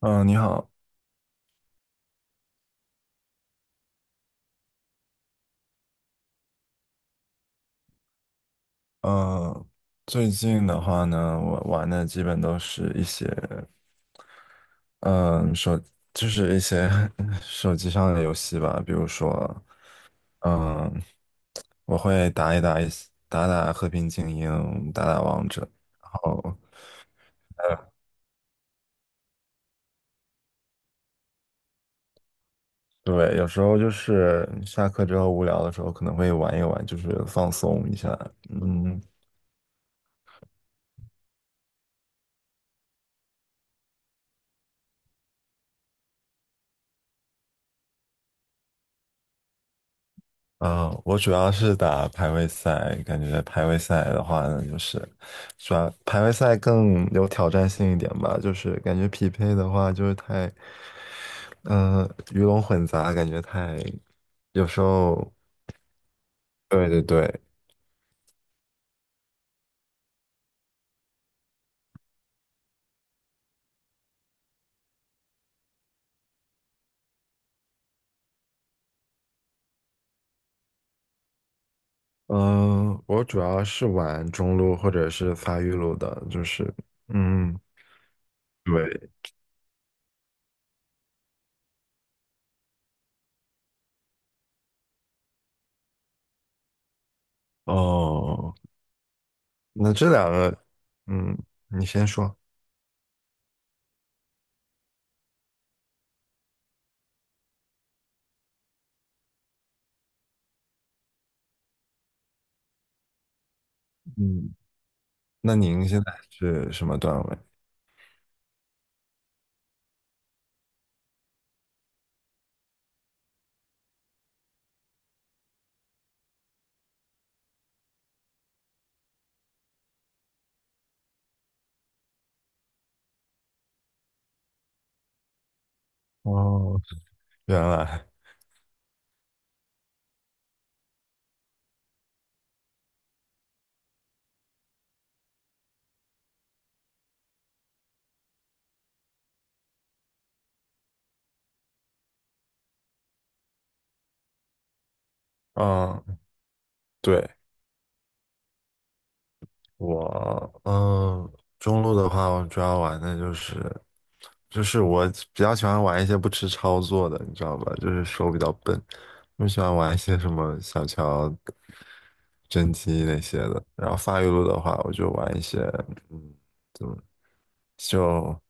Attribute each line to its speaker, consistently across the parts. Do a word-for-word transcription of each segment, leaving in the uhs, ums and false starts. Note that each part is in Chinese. Speaker 1: 嗯，你好。嗯，最近的话呢，我玩的基本都是一些，嗯，手就是一些 手机上的游戏吧。比如说，嗯，我会打一打一些打打和平精英，打打王者。然后，呃对，有时候就是下课之后无聊的时候，可能会玩一玩，就是放松一下。嗯，嗯，我主要是打排位赛，感觉排位赛的话呢，就是主要排位赛更有挑战性一点吧。就是感觉匹配的话就是太，嗯、鱼龙混杂，感觉太，有时候，对对对。嗯、我主要是玩中路或者是发育路的，就是，嗯，对。哦，那这两个，嗯，你先说。嗯，那您现在是什么段位？哦，原来。嗯，对，我，嗯，中路的话，我主要玩的就是，就是我比较喜欢玩一些不吃操作的，你知道吧？就是手比较笨，我喜欢玩一些什么小乔、甄姬那些的。然后发育路的话，我就玩一些，嗯，怎么就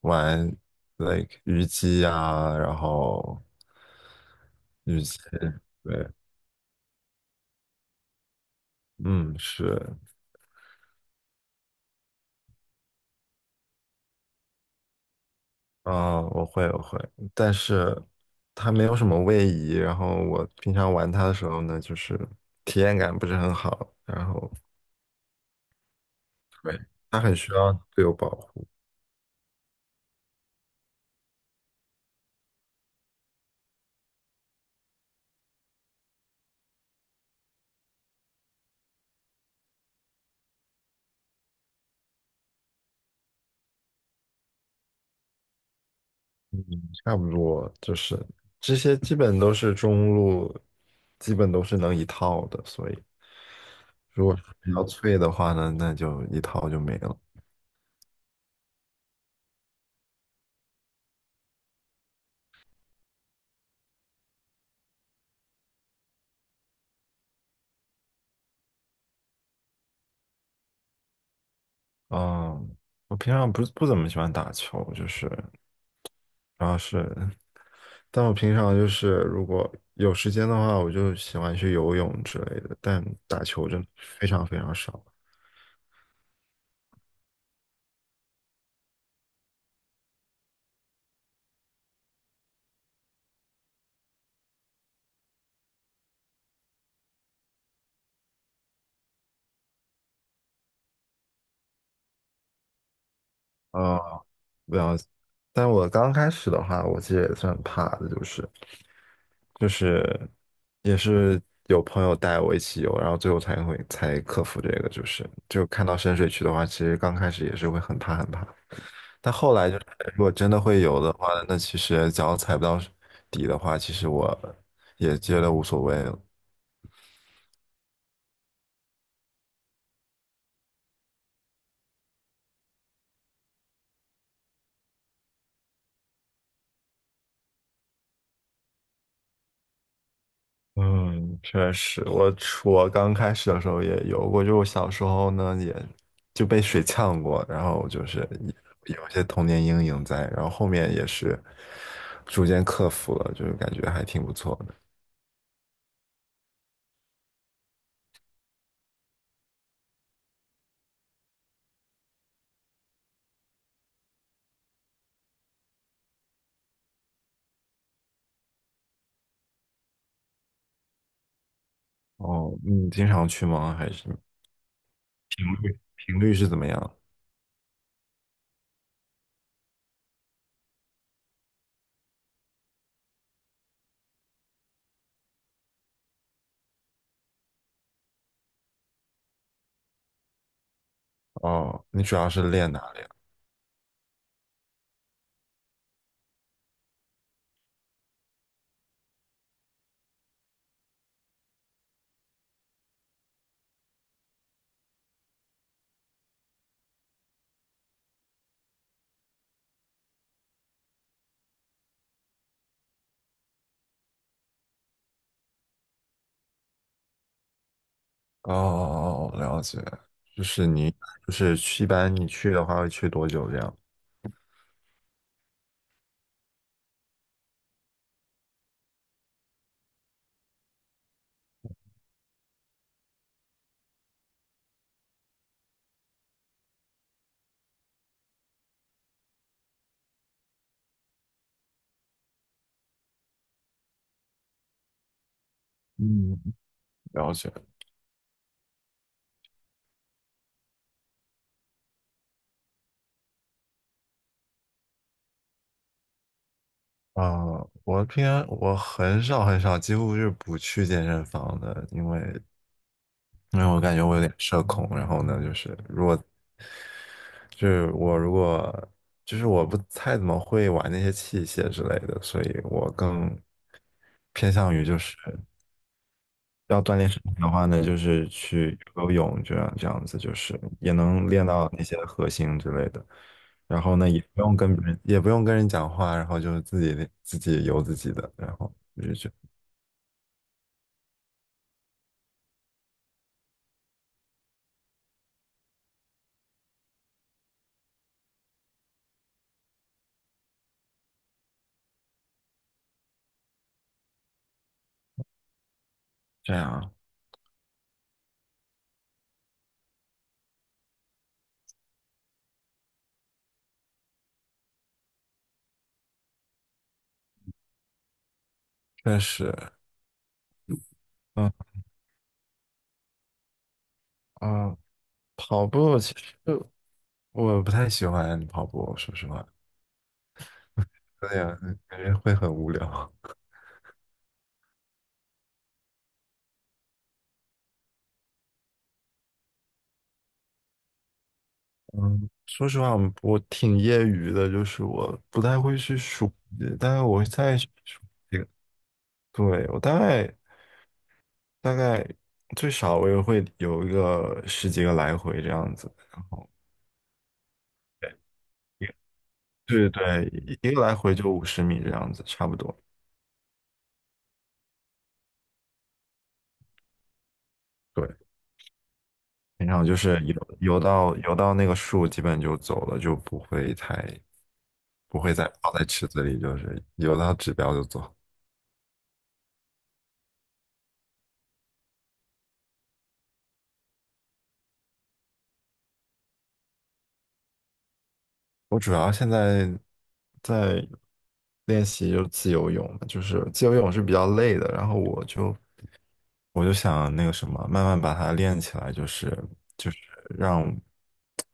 Speaker 1: 玩 like 虞姬啊。然后虞姬，对，嗯，是。嗯，我会我会，但是它没有什么位移，然后我平常玩它的时候呢，就是体验感不是很好。然后对，它很需要队友保护。嗯，差不多就是这些基本都是中路，基本都是能一套的，所以如果是比较脆的话呢，那就一套就没了。嗯，我平常不不怎么喜欢打球，就是主要是。但我平常就是如果有时间的话，我就喜欢去游泳之类的，但打球真的非常非常少。啊、不要。但我刚开始的话，我其实也算怕的，就是就是也是有朋友带我一起游，然后最后才会才克服这个，就是就看到深水区的话，其实刚开始也是会很怕很怕。但后来就是如果真的会游的话，那其实脚踩不到底的话，其实我也觉得无所谓了。嗯，确实。我我刚开始的时候也游过，就我小时候呢，也就被水呛过，然后就是有有一些童年阴影在，然后后面也是逐渐克服了，就是感觉还挺不错的。哦，你经常去吗？还是频率是怎么样？哦，你主要是练哪里啊？哦，哦哦哦，了解。就是你就是去，一般你去的话会去多久这样？嗯，了解。啊，我平常我很少很少，几乎是不去健身房的。因为因为我感觉我有点社恐。然后呢，就是如果就是我如果就是我不太怎么会玩那些器械之类的，所以我更偏向于就是。要锻炼身体的话呢，就是去游游泳，这样这样子，就是也能练到那些核心之类的。然后呢，也不用跟别人，也不用跟人讲话，然后就是自己自己游自己的，然后我就觉得这样确实。嗯嗯，跑步其实我不太喜欢跑步，说实话，有点感觉会很无聊。嗯，说实话，我挺业余的，就是我不太会去数，但是我在数这个。对，我大概大概最少我也会有一个十几个来回这样子。然后对对对，一个来回就五十米这样子，差不多。对，平常就是游游到游到那个树，基本就走了，就不会太不会再泡在池子里，就是游到指标就走。我主要现在在练习就是自由泳嘛。就是自由泳是比较累的，然后我就我就想那个什么，慢慢把它练起来，就是就是让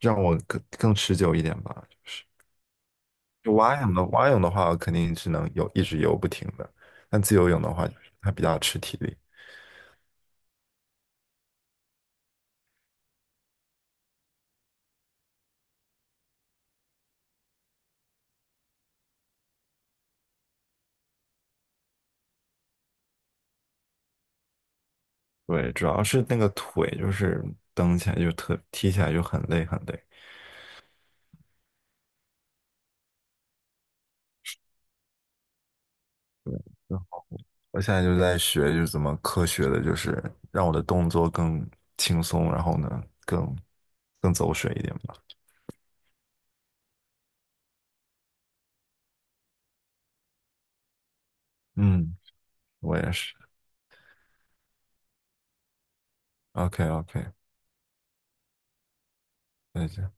Speaker 1: 让我更更持久一点吧。就是就蛙泳的蛙泳的话，肯定是能游，一直游不停的。但自由泳的话，就是它比较吃体力。对，主要是那个腿，就是蹬起来就特踢起来就很累很累。然后我现在就在学，就是怎么科学的，就是让我的动作更轻松，然后呢更更走水一点吧。嗯，我也是。OK OK，再见。